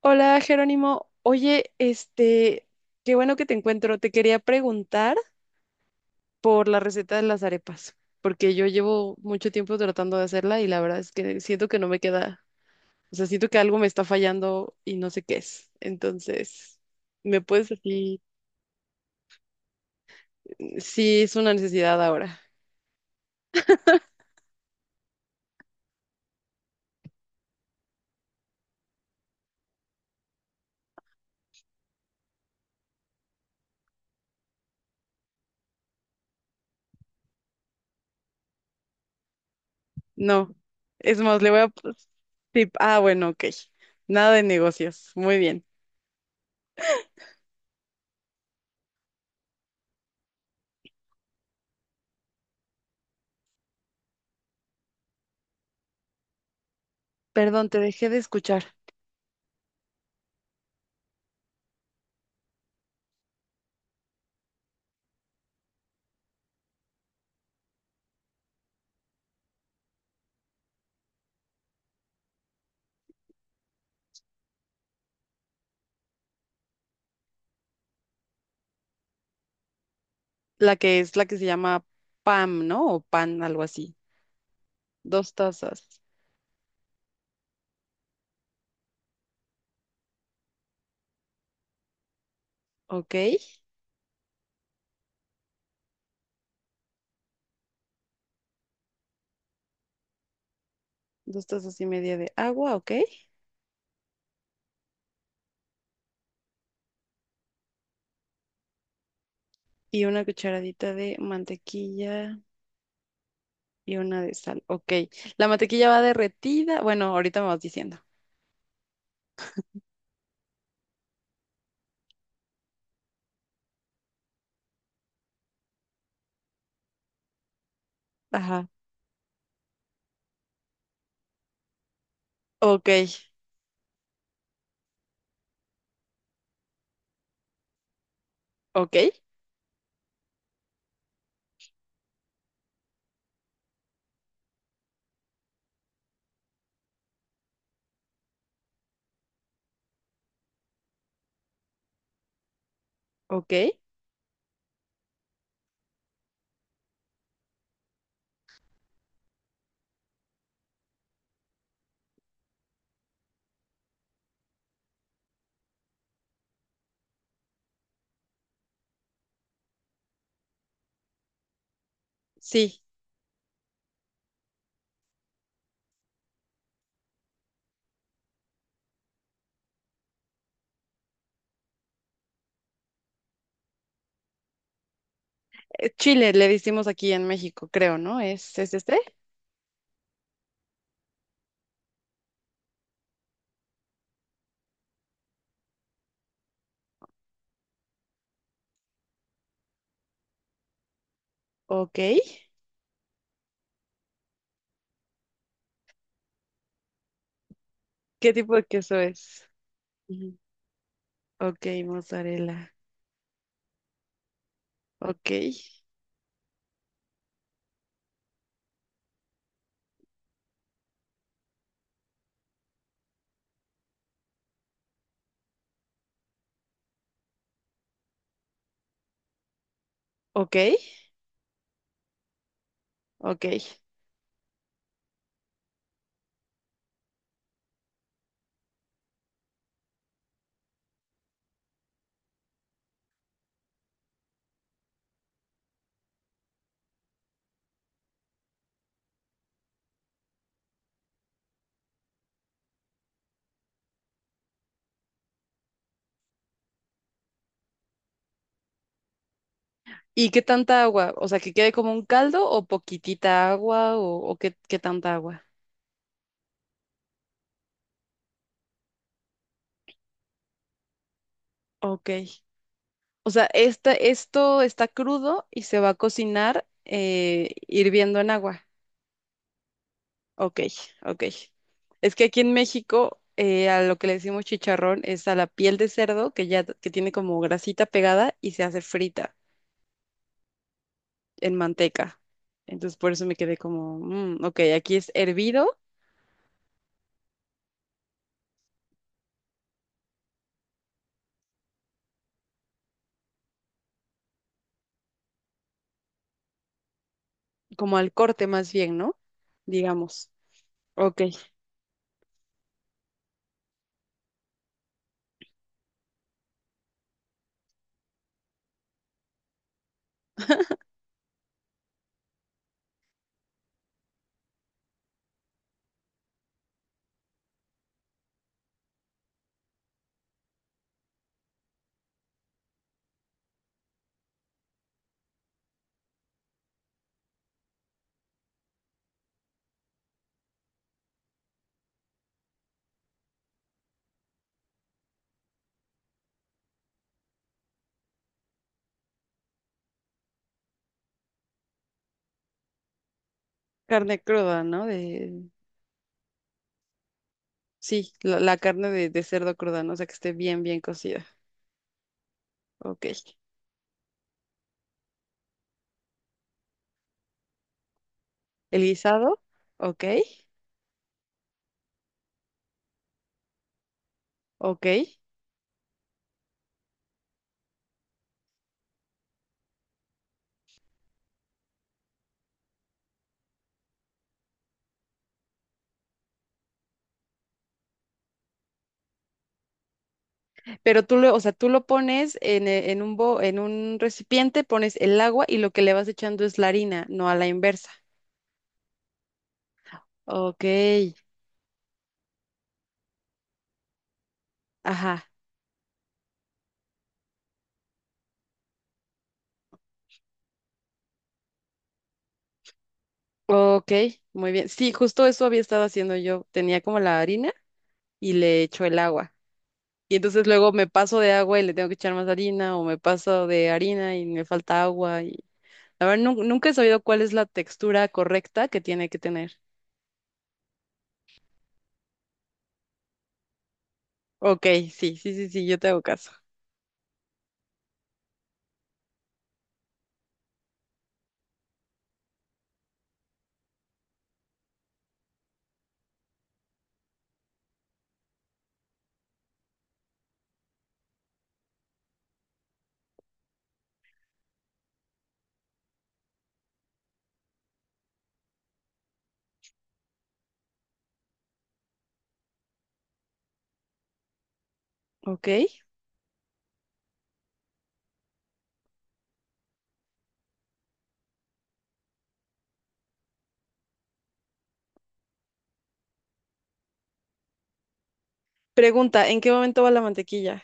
Hola Jerónimo, oye, qué bueno que te encuentro. Te quería preguntar por la receta de las arepas, porque yo llevo mucho tiempo tratando de hacerla y la verdad es que siento que no me queda, o sea, siento que algo me está fallando y no sé qué es. Entonces, ¿me puedes decir si es una necesidad ahora? No, es más, sí, bueno, ok. Nada de negocios, muy bien. Perdón, te dejé de escuchar. La que es la que se llama PAM, ¿no? O PAN, algo así. Dos tazas, ok. Dos tazas y media de agua, ok. Y una cucharadita de mantequilla y una de sal, ok. La mantequilla va derretida. Bueno, ahorita me vas diciendo. Ajá. Ok, ok, ok. Sí, chile le decimos aquí en México, creo, ¿no? ¿Es este? Ok. ¿Qué tipo de queso es? Ujú. Ok, mozzarella. Ok, ok, ok. ¿Y qué tanta agua? O sea, ¿que quede como un caldo o poquitita agua o qué tanta agua? Ok. O sea, esto está crudo y se va a cocinar hirviendo en agua. Ok, ok. Es que aquí en México, a lo que le decimos chicharrón es a la piel de cerdo que ya que tiene como grasita pegada y se hace frita en manteca. Entonces por eso me quedé como, ok, aquí es hervido, como al corte más bien, ¿no? Digamos. Ok. Carne cruda, ¿no? De... Sí, la carne de cerdo cruda, ¿no? O sea, que esté bien, bien cocida. Ok. El guisado, ok, ok. Pero tú lo, o sea, tú lo pones en, e- en un bo- en un recipiente, pones el agua y lo que le vas echando es la harina, no a la inversa. Ok, ajá. Ok, muy bien. Sí, justo eso había estado haciendo yo. Tenía como la harina y le echo el agua. Y entonces luego me paso de agua y le tengo que echar más harina, o me paso de harina y me falta agua. A ver, nunca he sabido cuál es la textura correcta que tiene que tener. Ok, sí, sí, sí, sí, yo te hago caso. Ok. Pregunta, ¿en qué momento va la mantequilla?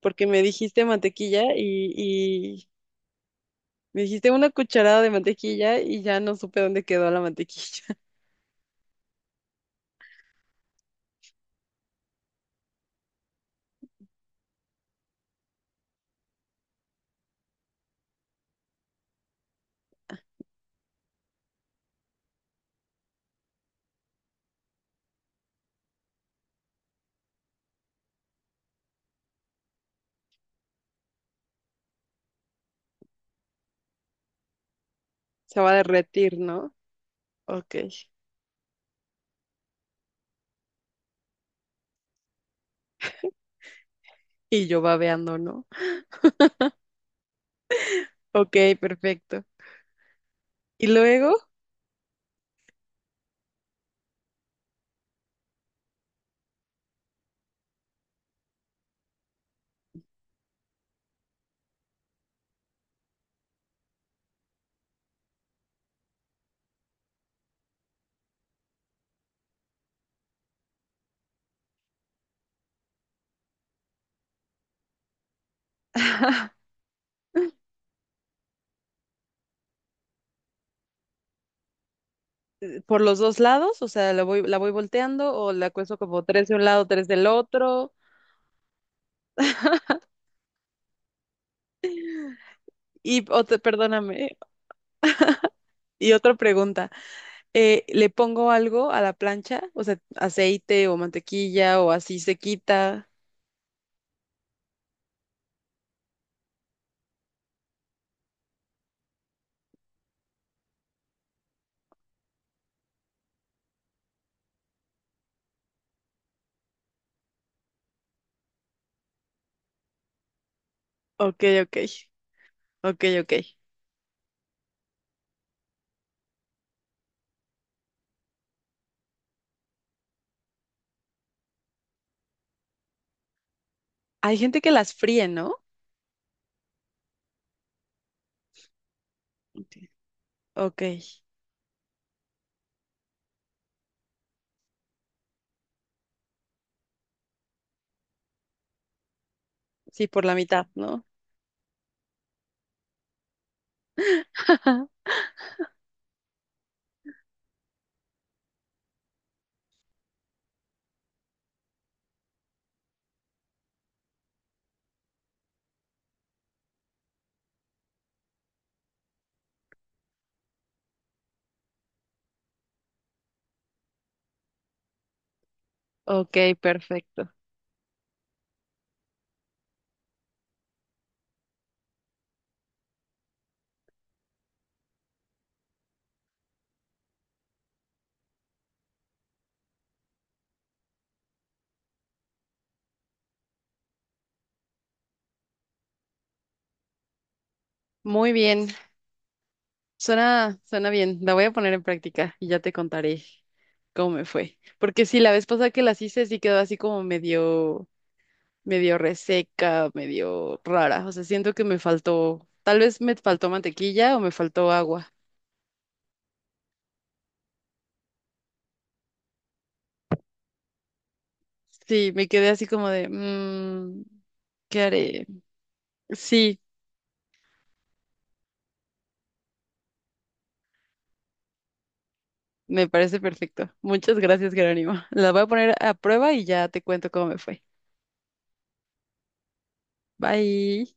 Porque me dijiste mantequilla y me dijiste una cucharada de mantequilla y ya no supe dónde quedó la mantequilla. Se va a derretir, ¿no? Ok. Y yo babeando, ¿no? Ok, perfecto. ¿Y luego? ¿Por los dos lados? O sea, ¿la voy volteando o la cuezo como tres de un lado, tres del otro? Y, perdóname. Y otra pregunta, ¿le pongo algo a la plancha? O sea, aceite o mantequilla o así se quita. Ok, ok, ok, ok. Hay gente que las fríe, ¿no? Ok. Ok, sí, por la mitad, ¿no? Ok, perfecto. Muy bien, suena, suena bien. La voy a poner en práctica y ya te contaré cómo me fue. Porque sí, la vez pasada que las hice sí quedó así como medio reseca, medio rara. O sea, siento que me faltó, tal vez me faltó mantequilla o me faltó agua. Sí, me quedé así como de, "Mm, ¿qué haré?". Sí, me parece perfecto. Muchas gracias, Jerónimo. La voy a poner a prueba y ya te cuento cómo me fue. Bye.